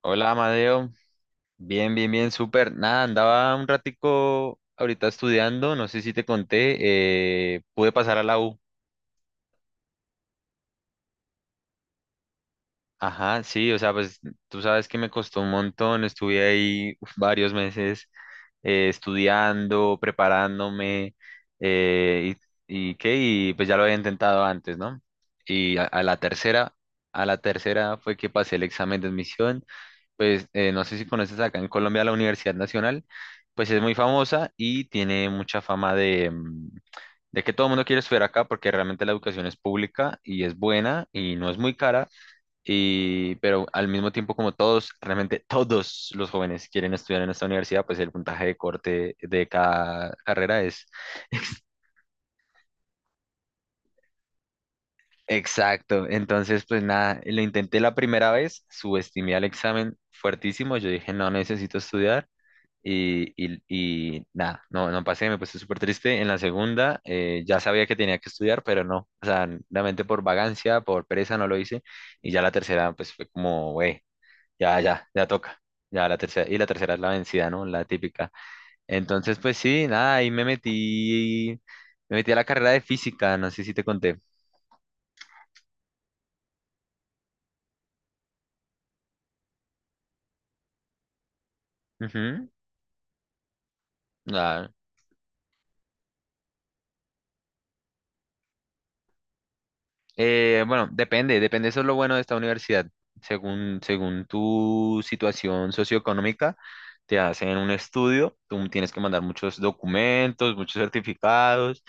Hola, Amadeo. Bien, bien, bien, súper. Nada, andaba un ratico ahorita estudiando, no sé si te conté, pude pasar a la U. Ajá, sí, o sea, pues tú sabes que me costó un montón, estuve ahí uf, varios meses estudiando, preparándome, eh, y qué, y pues ya lo había intentado antes, ¿no? Y a la tercera, a la tercera fue que pasé el examen de admisión, pues no sé si conoces acá en Colombia la Universidad Nacional. Pues es muy famosa y tiene mucha fama de, de que todo el mundo quiere estudiar acá porque realmente la educación es pública y es buena y no es muy cara, y, pero al mismo tiempo, como todos, realmente todos los jóvenes quieren estudiar en esta universidad, pues el puntaje de corte de cada carrera es... Exacto, entonces pues nada, lo intenté la primera vez, subestimé al examen fuertísimo, yo dije no necesito estudiar. Y, y- y nada, no, no pasé, me puse súper triste. En la segunda, ya sabía que tenía que estudiar, pero no, o sea, realmente por vagancia, por pereza no lo hice. Y ya la tercera, pues fue como, güey, ya, ya, ya toca. Ya la tercera, y la tercera es la vencida, ¿no? La típica. Entonces, pues sí, nada, ahí me metí a la carrera de física, no sé si te conté. Ujú. Ah, bueno, depende, depende, eso es lo bueno de esta universidad. Según, según tu situación socioeconómica, te hacen un estudio, tú tienes que mandar muchos documentos, muchos certificados,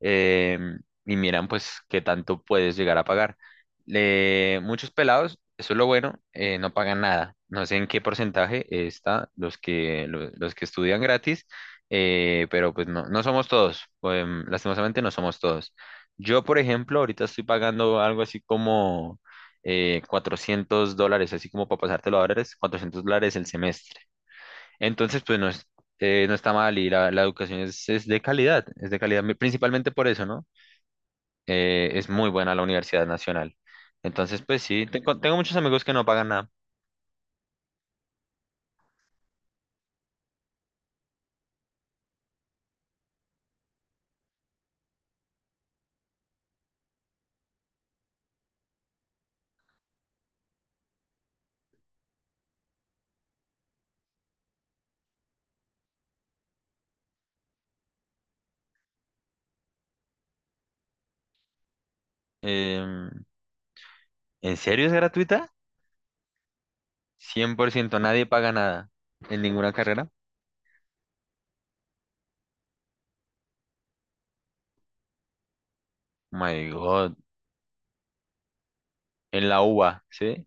em, y miran pues qué tanto puedes llegar a pagar. Muchos pelados, eso es lo bueno, no pagan nada. No sé en qué porcentaje está los que, los que estudian gratis, pero pues no, no somos todos, lastimosamente no somos todos. Yo, por ejemplo, ahorita estoy pagando algo así como $400, así como para pasártelo a dólares, $400 el semestre. Entonces, pues no es, no está mal, y la educación es de calidad, principalmente por eso, ¿no? Es muy buena la Universidad Nacional. Entonces, pues sí, tengo, tengo muchos amigos que no pagan nada. Em, ¿En serio es gratuita? ¿100% nadie paga nada en ninguna carrera? Oh My God, ¿en la UBA, sí?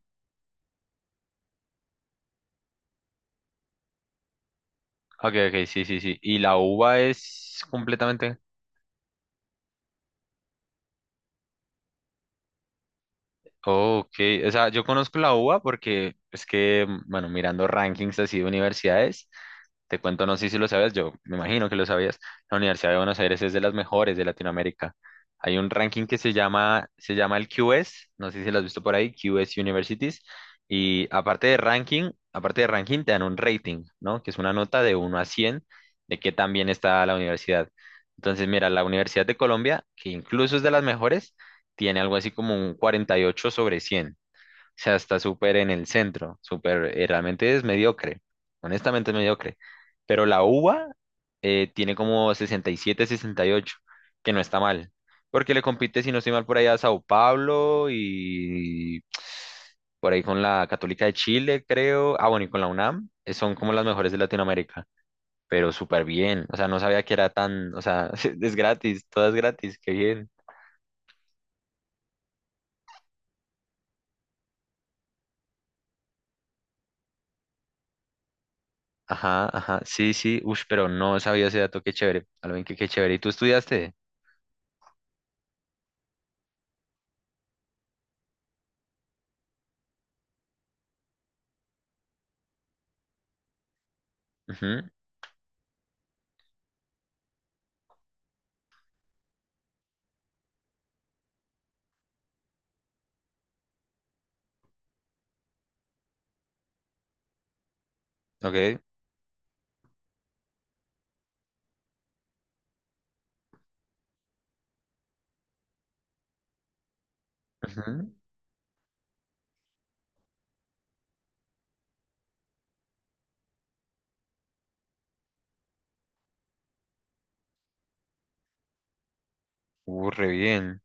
Ok, ok, sí, sí, sí. Y la uva es completamente... Ok, o sea, yo conozco la uva porque es que, bueno, mirando rankings así de universidades. Te cuento, no sé si lo sabías, yo me imagino que lo sabías. La Universidad de Buenos Aires es de las mejores de Latinoamérica. Hay un ranking que se llama el QS, no sé si lo has visto por ahí, QS Universities. Y aparte de ranking, te dan un rating, ¿no? Que es una nota de 1 a 100 de qué tan bien está la universidad. Entonces, mira, la Universidad de Colombia, que incluso es de las mejores, tiene algo así como un 48 sobre 100, sea, está súper en el centro, súper, realmente es mediocre, honestamente es mediocre. Pero la uva tiene como 60, 67, 68 que no está mal, porque le compite, si no estoy mal, por allá a Sao Paulo y por ahí con la Católica de Chile, creo. Ah, bueno, y con la UNAM, son como las mejores de Latinoamérica, pero súper bien, o sea, no sabía que era tan, o sea, es gratis, todo es gratis, qué bien. Ajá, ajá, sí, sí, uff, pero no sabía ese dato, qué chévere, Alvin, qué, qué chévere. ¿Y tú estudiaste? Ujú, ok, ujú, re bien,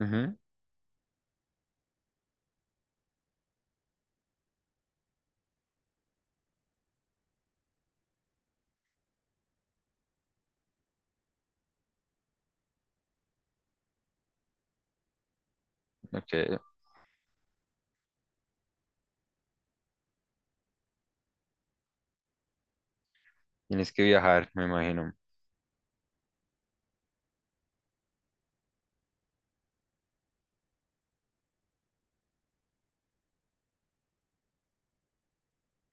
ujú, ok, tienes que viajar, me imagino,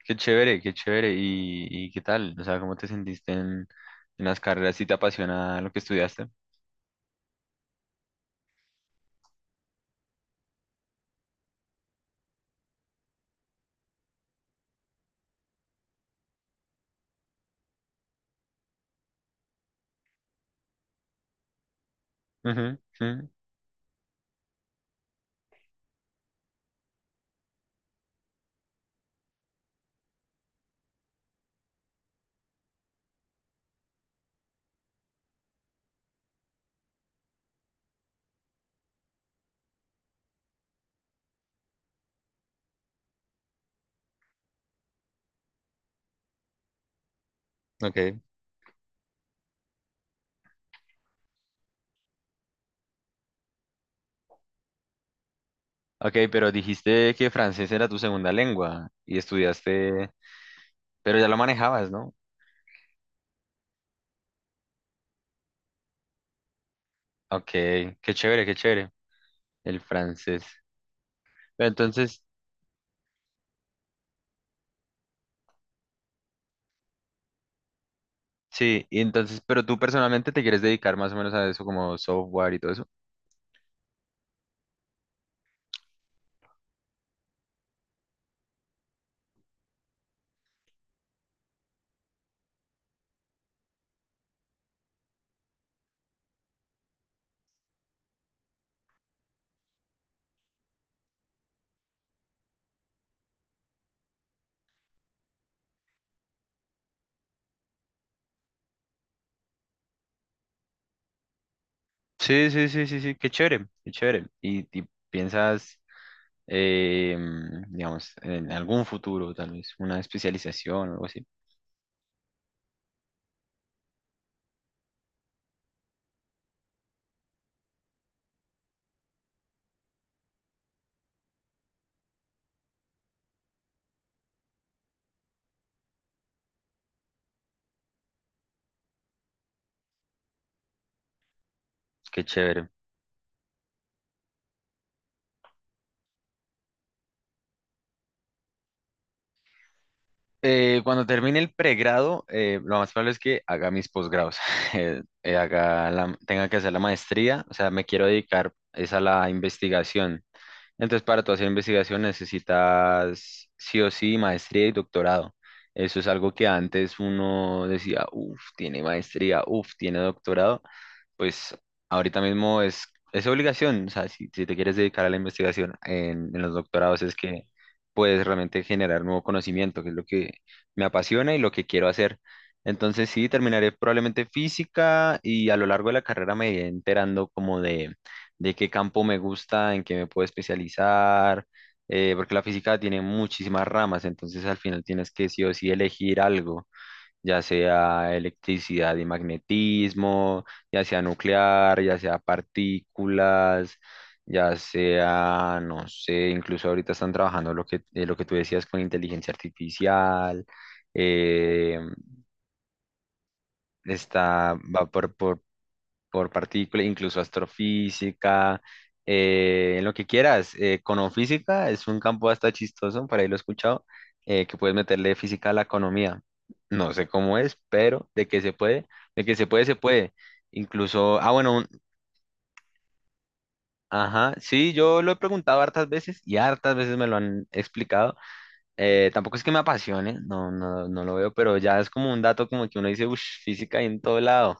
qué chévere, qué chévere. ¿Y, y qué tal? O sea, ¿cómo te sentiste en las carreras? ¿Sí te apasiona lo que estudiaste? Ujú, ujú, ok, ok, pero dijiste que francés era tu segunda lengua y estudiaste, pero ya lo manejabas, ¿no? Ok, qué chévere, el francés. Pero entonces... Sí, y entonces, pero tú personalmente te quieres dedicar más o menos a eso, como software y todo eso. Sí, sí, sí, sí, sí, qué chévere, qué chévere. Y piensas, digamos, en algún futuro, tal vez, una especialización o algo así. Qué chévere. Cuando termine el pregrado, lo más probable es que haga mis posgrados, tenga que hacer la maestría, o sea, me quiero dedicar es a la investigación. Entonces, para tu hacer investigación necesitas sí o sí maestría y doctorado. Eso es algo que antes uno decía, uff, tiene maestría, uff, tiene doctorado, pues ahorita mismo es obligación, o sea, si, si te quieres dedicar a la investigación en los doctorados es que puedes realmente generar nuevo conocimiento, que es lo que me apasiona y lo que quiero hacer. Entonces sí, terminaré probablemente física y a lo largo de la carrera me iré enterando como de qué campo me gusta, en qué me puedo especializar, porque la física tiene muchísimas ramas, entonces al final tienes que sí o sí elegir algo, ya sea electricidad y magnetismo, ya sea nuclear, ya sea partículas, ya sea, no sé, incluso ahorita están trabajando lo que tú decías, con inteligencia artificial, eh, está, va por partículas, incluso astrofísica, en lo que quieras. Econofísica es un campo hasta chistoso, por ahí lo he escuchado, que puedes meterle física a la economía. No sé cómo es, pero de que se puede, de que se puede, se puede. Incluso, ah, bueno, ajá, sí, yo lo he preguntado hartas veces y hartas veces me lo han explicado. Tampoco es que me apasione, no, no, no lo veo, pero ya es como un dato como que uno dice, uff, física hay en todo lado.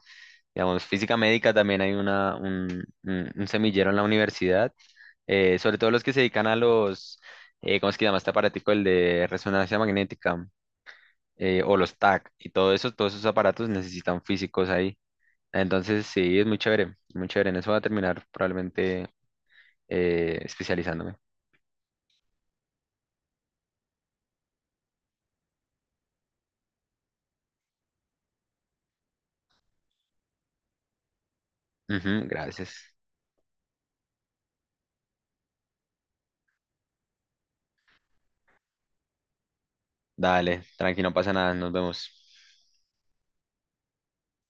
Digamos, física médica también hay una, un, un semillero en la universidad, sobre todo los que se dedican a los, ¿cómo es que se llama este aparatico? El de resonancia magnética, o los TAC y todo eso, todos esos aparatos necesitan físicos ahí. Entonces, sí, es muy chévere, muy chévere. En eso voy a terminar probablemente especializándome. Ujú, gracias. Dale, tranqui, no pasa nada, nos vemos.